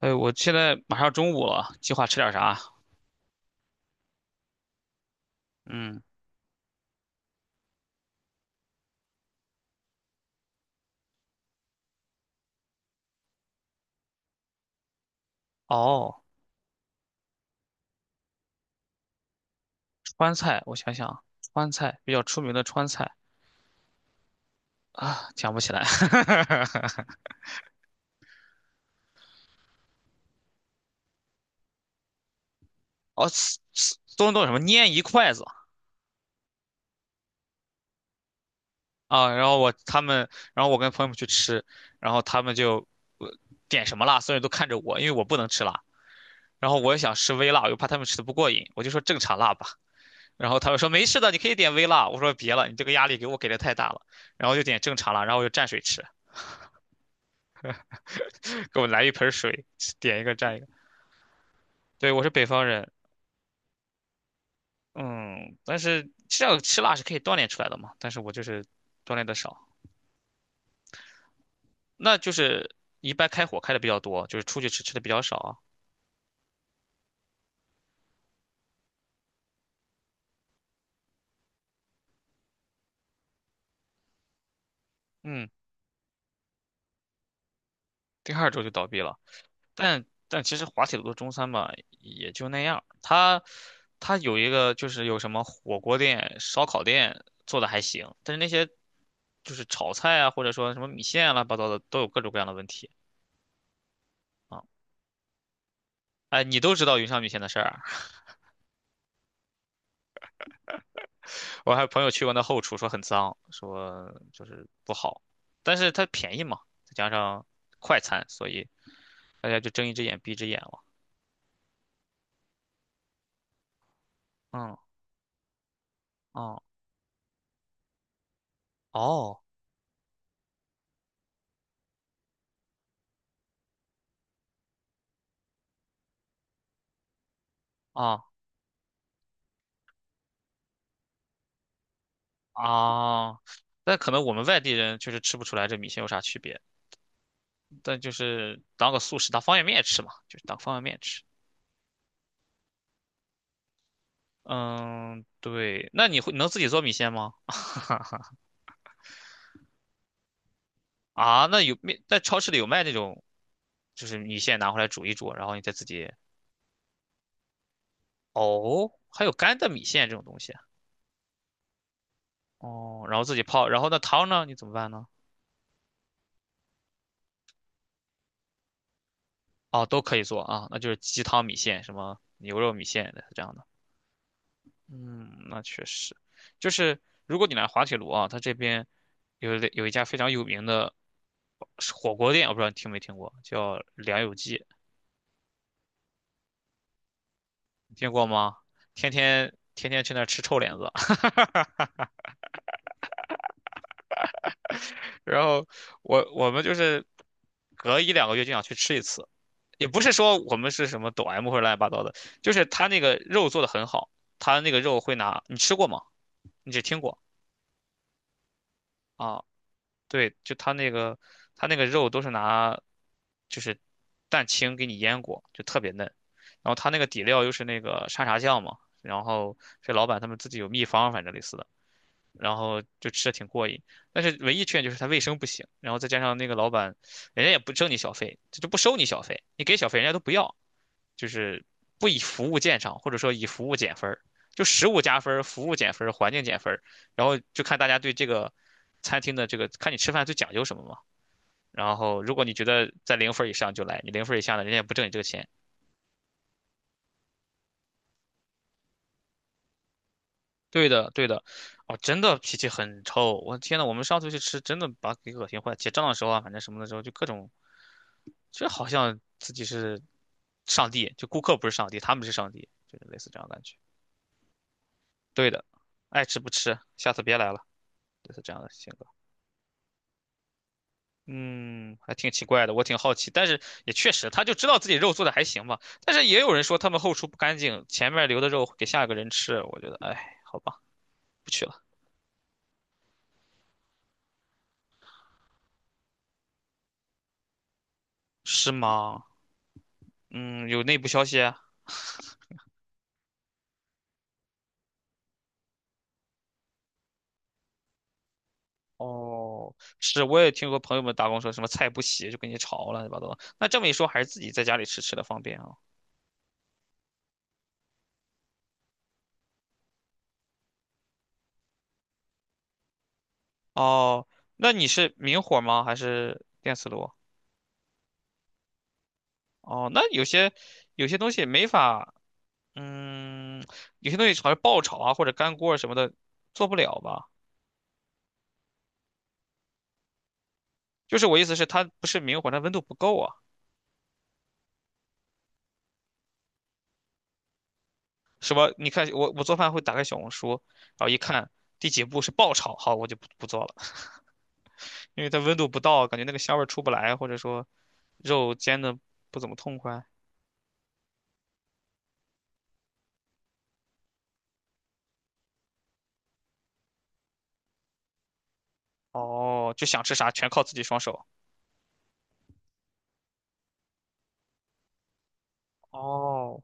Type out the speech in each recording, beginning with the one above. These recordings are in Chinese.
哎，我现在马上中午了，计划吃点啥？嗯，哦，川菜，我想想，川菜比较出名的川菜啊，想不起来。哦，是什么拈一筷子啊？然后我跟朋友们去吃，然后他们就呃点什么辣，所有人都看着我，因为我不能吃辣。然后我也想吃微辣，我又怕他们吃的不过瘾，我就说正常辣吧。然后他们说没事的，你可以点微辣。我说别了，你这个压力给我给的太大了。然后就点正常辣，然后我就蘸水吃。给我来一盆水，点一个蘸一个。对，我是北方人。嗯，但是这样吃辣是可以锻炼出来的嘛，但是我就是锻炼的少，那就是一般开火开的比较多，就是出去吃吃的比较少啊。嗯，第二周就倒闭了。但其实滑铁卢的中餐吧，也就那样。它有一个就是有什么火锅店、烧烤店做的还行，但是那些就是炒菜啊，或者说什么米线啊乱七八糟的，都有各种各样的问题啊。哎，你都知道云上米线的事儿啊。我还有朋友去过那后厨，说很脏，说就是不好，但是它便宜嘛，再加上快餐，所以大家就睁一只眼闭一只眼了。嗯，哦，哦，啊啊，那可能我们外地人确实吃不出来这米线有啥区别，但就是当个速食，当方便面吃嘛，就是当方便面吃。嗯，对，那你会能自己做米线吗？啊，那有面，在超市里有卖那种，就是米线拿回来煮一煮，然后你再自己。哦，还有干的米线这种东西啊。哦，然后自己泡，然后那汤呢？你怎么办呢？哦，都可以做啊，那就是鸡汤米线，什么牛肉米线的这样的。嗯，那确实，就是如果你来滑铁卢啊，它这边有一家非常有名的火锅店，我不知道你听没听过，叫梁有记，你听过吗？天天去那儿吃臭脸子。然后我们就是隔1到2个月就想去吃一次，也不是说我们是什么抖 M 或者乱七八糟的，就是他那个肉做的很好，他那个肉会拿，你吃过吗？你只听过啊？对，就他那个他那个肉都是拿就是蛋清给你腌过，就特别嫩，然后他那个底料又是那个沙茶酱嘛，然后是老板他们自己有秘方，反正类似的。然后就吃的挺过瘾。但是唯一缺点就是它卫生不行，然后再加上那个老板，人家也不挣你小费，他就不收你小费，你给小费人家都不要，就是不以服务见长，或者说以服务减分儿，就食物加分儿，服务减分儿，环境减分儿，然后就看大家对这个餐厅的这个，看你吃饭最讲究什么嘛。然后如果你觉得在零分儿以上就来，你零分儿以下呢，人家也不挣你这个钱。对的，对的，哦，真的脾气很臭。我天呐，我们上次去吃，真的把给恶心坏。结账的时候啊，反正什么的时候，就各种这好像自己是上帝，就顾客不是上帝，他们是上帝，就是类似这样的感觉。对的，爱吃不吃，下次别来了，就是这样的性格。嗯，还挺奇怪的，我挺好奇，但是也确实，他就知道自己肉做的还行吧。但是也有人说他们后厨不干净，前面留的肉给下一个人吃，我觉得，哎，好吧，不去了。是吗？嗯，有内部消息啊。哦，是，我也听说朋友们打工说什么菜不洗就跟你吵了，乱七八糟的那这么一说，还是自己在家里吃吃的方便啊。哦，那你是明火吗？还是电磁炉？哦，那有些有些东西没法，嗯，有些东西好像爆炒啊或者干锅啊什么的做不了吧？就是我意思是，它不是明火，它温度不够啊。什么？你看我做饭会打开小红书，然后一看第几步是爆炒，好，我就不做了，因为它温度不到，感觉那个香味儿出不来，或者说肉煎的不怎么痛快。哦，就想吃啥全靠自己双手。哦，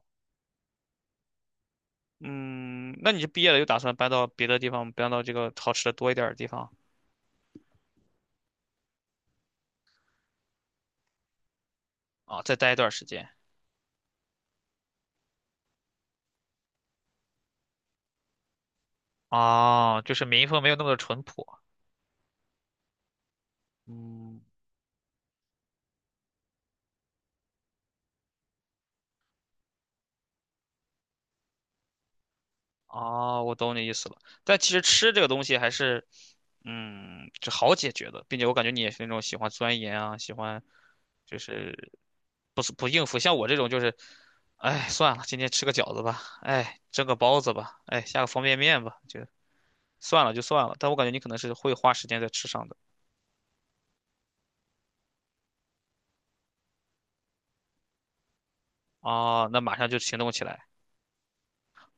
嗯，那你是毕业了，又打算搬到别的地方，搬到这个好吃的多一点儿的地方。啊，再待一段时间。啊？就是民风没有那么的淳朴。嗯，哦，我懂你意思了。但其实吃这个东西还是，嗯，就好解决的，并且我感觉你也是那种喜欢钻研啊，喜欢就是不是不应付，像我这种就是，哎，算了，今天吃个饺子吧，哎，蒸个包子吧，哎，下个方便面吧，就算了就算了。但我感觉你可能是会花时间在吃上的。哦，那马上就行动起来。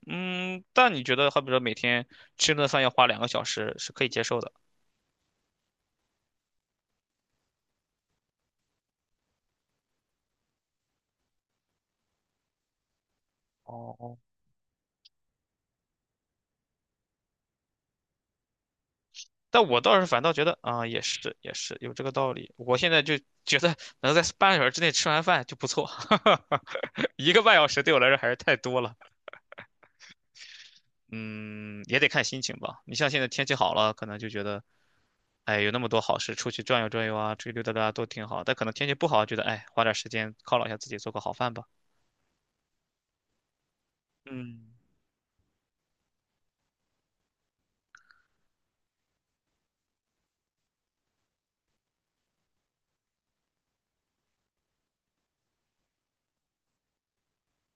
嗯，但你觉得，好比说每天吃顿饭要花2个小时，是可以接受的。哦，但我倒是反倒觉得啊，也是有这个道理。我现在就觉得能在半个小时之内吃完饭就不错，1个半小时对我来说还是太多了。嗯，也得看心情吧。你像现在天气好了，可能就觉得，哎，有那么多好事，出去转悠转悠啊，出去溜达溜达都挺好。但可能天气不好，觉得哎，花点时间犒劳一下自己，做个好饭吧。嗯。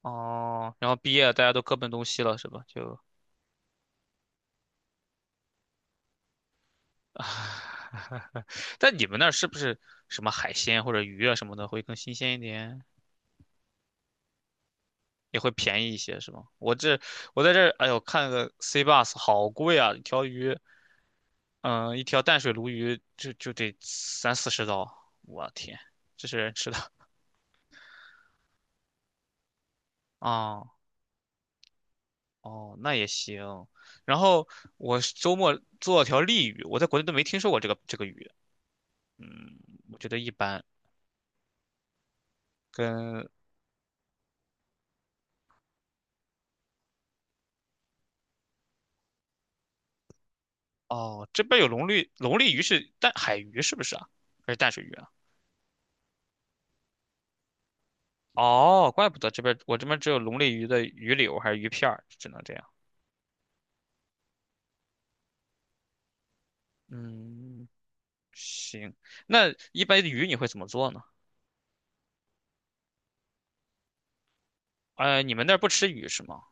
哦，然后毕业大家都各奔东西了，是吧？就，但你们那儿是不是什么海鲜或者鱼啊什么的会更新鲜一点，也会便宜一些，是吧？我这我在这儿，哎呦，看个 C bus 好贵啊，一条鱼，嗯、一条淡水鲈鱼就得30到40刀，我天，这是人吃的啊 哦，那也行。然后我是周末做了条鲤鱼，我在国内都没听说过这个鱼，嗯，我觉得一般。跟哦，这边有龙利鱼是淡海鱼是不是啊？还是淡水鱼啊？哦，怪不得这边我这边只有龙利鱼的鱼柳还是鱼片儿只能这样。嗯，行，那一般的鱼你会怎么做呢？呃，你们那儿不吃鱼是吗？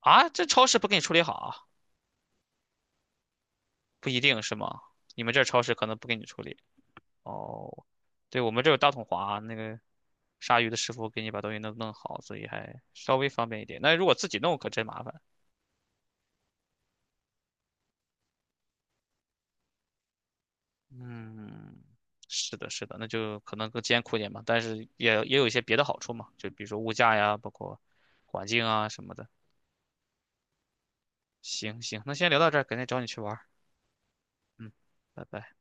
啊，这超市不给你处理好啊？不一定是吗？你们这儿超市可能不给你处理。哦，对，我们这有大统华啊那个杀鱼的师傅给你把东西弄弄好，所以还稍微方便一点。那如果自己弄可真麻烦。嗯，是的，是的，那就可能更艰苦一点吧，但是也有一些别的好处嘛，就比如说物价呀，包括环境啊什么的。行行，那先聊到这儿，改天找你去玩儿。嗯，拜拜。